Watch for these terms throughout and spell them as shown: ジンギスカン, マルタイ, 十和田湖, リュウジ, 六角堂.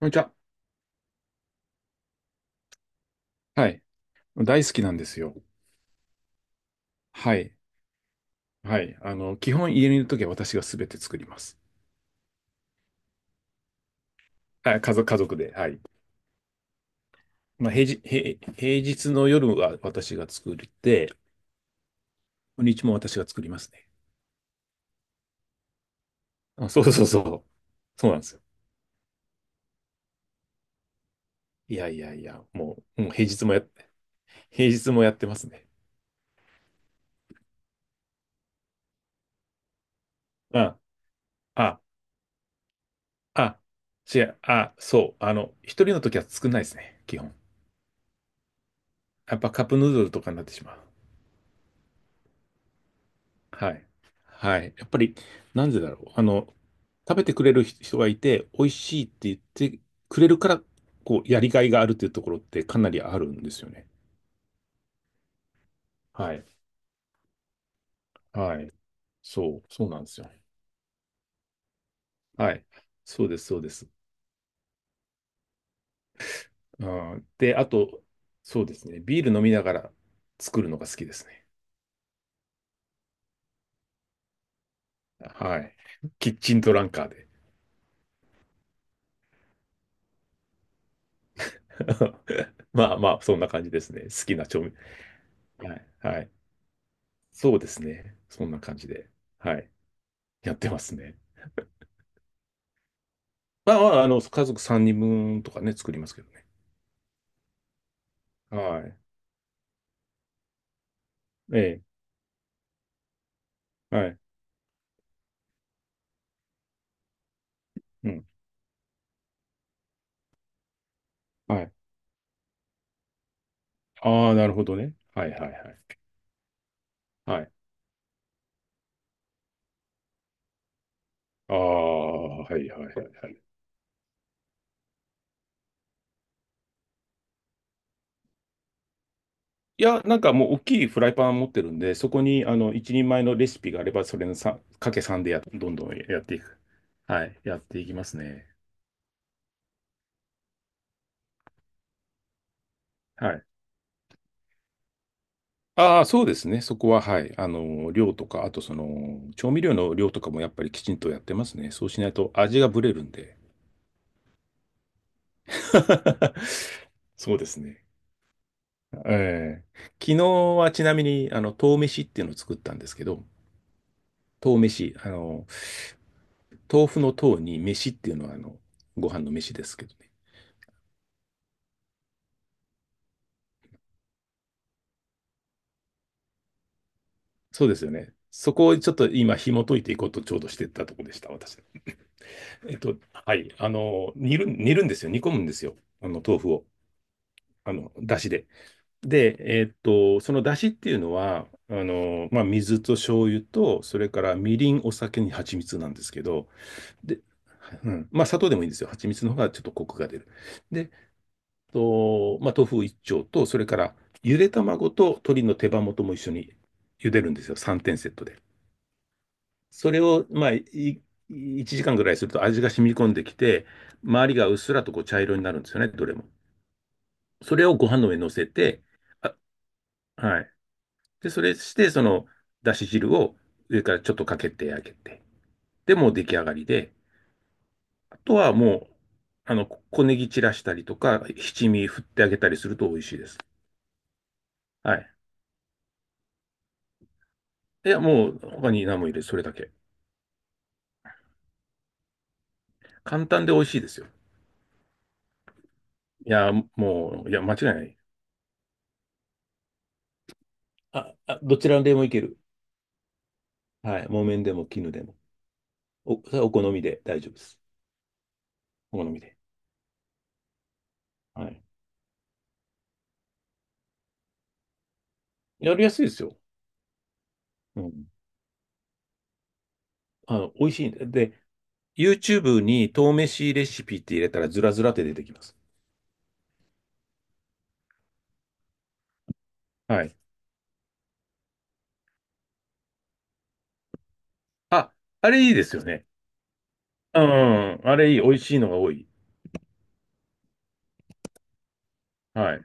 こんにちは。はい。大好きなんですよ。はい。はい。基本家にいるときは私がすべて作ります。はい家族で。はい。まあ、平日の夜は私が作って、土日も私が作りますね。あ、そうそうそう。そうなんですよ。いやいやいや、もう平日もやってますね。あ、あ、あ、違う、あ、そう。一人のときは作んないですね。基本。やっぱカップヌードルとかになってしまう。はい。はい。やっぱり、なんでだろう。食べてくれる人がいて、美味しいって言ってくれるから、こう、やりがいがあるっていうところってかなりあるんですよね。はい。はい。そう、そうなんですよ。はい。そうです、そうです。うん、で、あと、そうですね。ビール飲みながら作るのが好きですね。はい。キッチントランカーで。まあまあ、そんな感じですね。好きな調味。はい。はい。そうですね。そんな感じで。はい。やってますね。まあまあ、家族3人分とかね、作りますけどね。はい。ええ、はい、うん、はい。ああ、なるほどね。はいはいはい。はい。ああ、はいはいはいはい。いや、なんかもう大きいフライパン持ってるんで、そこに一人前のレシピがあれば、それのさんかけさんでや、どんどんやっていく。はい、やっていきますね。はい。ああ、そうですね。そこは、はい。量とか、あとその、調味料の量とかもやっぱりきちんとやってますね。そうしないと味がブレるんで。そうですね。ええ昨日はちなみに、豆飯っていうのを作ったんですけど、豆飯、豆腐の豆に飯っていうのは、ご飯の飯ですけどね。そうですよね。そこをちょっと今紐解いていこうとちょうどしてたとこでした、私。はい。煮るんですよ。煮込むんですよ。豆腐を。だしで。で、そのだしっていうのは、まあ、水と醤油と、それからみりん、お酒に蜂蜜なんですけど、で、うん。まあ、砂糖でもいいんですよ。蜂蜜の方がちょっとコクが出る。で、と、まあ、豆腐一丁と、それからゆで卵と鶏の手羽元も一緒に茹でるんですよ。3点セットで。それを、まあ、1時間ぐらいすると味が染み込んできて、周りがうっすらとこう茶色になるんですよね、どれも。それをご飯の上に乗せて、あ、はい。で、それして、その、だし汁を上からちょっとかけてあげて、で、もう出来上がりで、とはもう、小ネギ散らしたりとか、七味振ってあげたりすると美味しいです。はい。いや、もう、他に何も入れず、それだけ。簡単で美味しいですよ。いや、もう、いや、間違いない。あ、あ、どちらでもいける。はい。木綿でも絹でも。お、それはお好みで大丈夫です。お好みで。はい。やりやすいですよ。うん。美味しいんで。で、YouTube に豆飯レシピって入れたらずらずらって出てきます。はい。あ、あれいいですよね。うん、あれいい。美味しいのが多い。はい。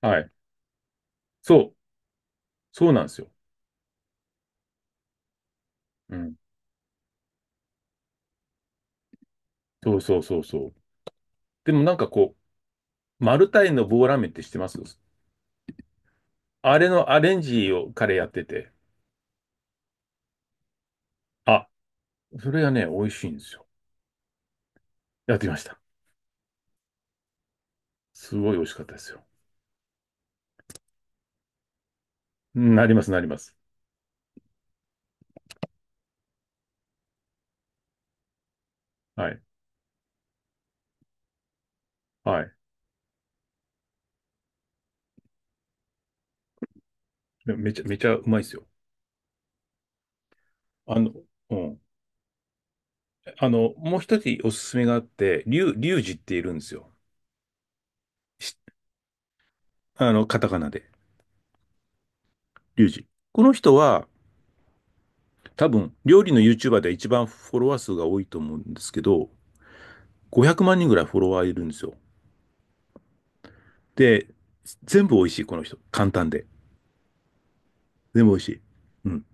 はい。そう、そうなんですよ。うん。そうそうそうそう。でもなんかこう、マルタイの棒ラーメンって知ってます？あれのアレンジを彼やってて、あ、それがね、美味しいんですよ。やってみました。すごい美味しかったですよ。うんなります、なります。はい。はい。でもめちゃ、めちゃうまいですよ。あの、うん。もう一つおすすめがあって、リュウジっているんですよ。しカタカナで。リュウジ。この人は、多分、料理の YouTuber で一番フォロワー数が多いと思うんですけど、500万人ぐらいフォロワーいるんですよ。で、全部美味しい、この人。簡単で。全部美味しい。うん。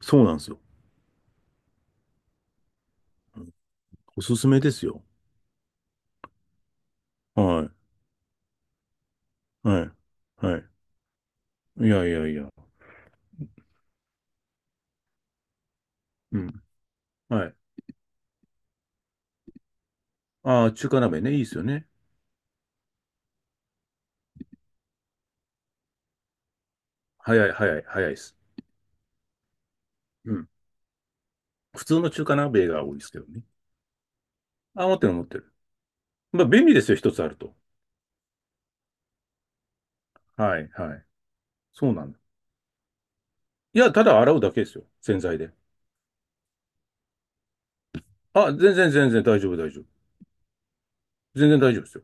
そうなんですよ。おすすめですよ。はい。はい。はい。いやいやいや。うん。はい。ああ、中華鍋ね。いいですよね。早い、早い、早いです。うん。普通の中華鍋が多いですけどね。あ、持ってる、持ってる。まあ、便利ですよ。一つあると。はい、はい。そうなんだ。いや、ただ洗うだけですよ。洗剤で。あ、全然大丈夫、大丈夫。全然大丈夫ですよ。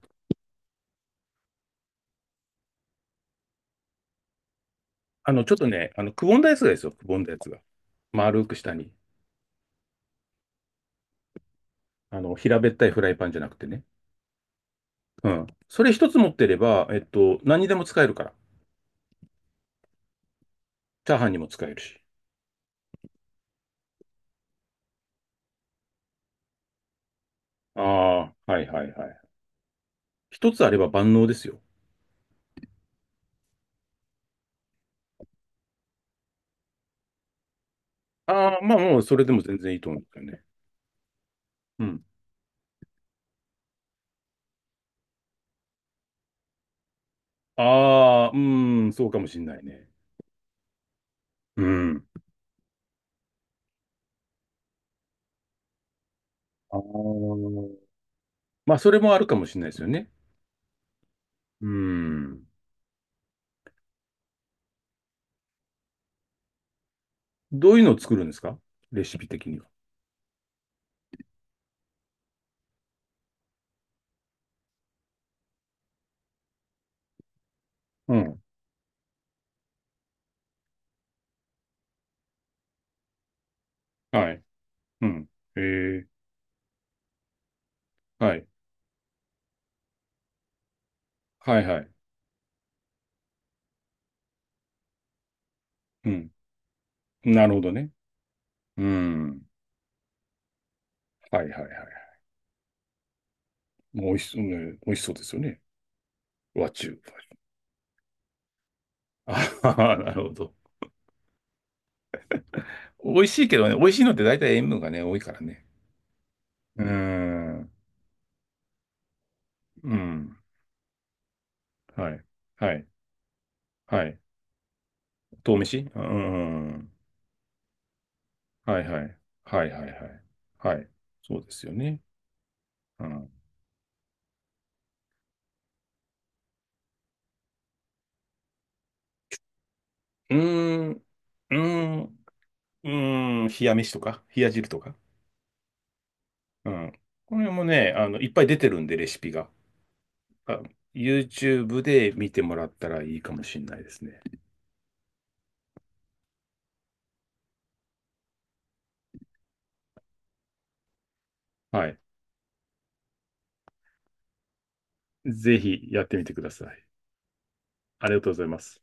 ちょっとね、くぼんだやつが。丸く下に。平べったいフライパンじゃなくてね。うん。それ一つ持ってれば、何にでも使えるから。チャーハンにも使えるし。ああ、はいはいはい。一つあれば万能ですよ。ああ、まあもう、それでも全然いいと思うんですよね。うん。ああ、うーん、そうかもしんないね。うん。ああ、まあ、それもあるかもしれないですよね。うん。どういうのを作るんですか？レシピ的には。うん。はい。うん。ええはい。はいはい。うん。なるほどね。うん。はいはいはい。もう美味しそう、ね、美味しそうですよね。和中。あははなるほど。美味しいけどね、美味しいのって大体塩分がね、多いからね。うーん。うん。はい。はい。はい。豆飯うん。はいはい。はいはいはい。はい。そうですよね。うん。うーん。うーん。うーん。冷や飯とか、冷や汁とか。うん。これもね、いっぱい出てるんで、レシピが。あ、YouTube で見てもらったらいいかもしれないですね。はい。ぜひやってみてください。ありがとうございます。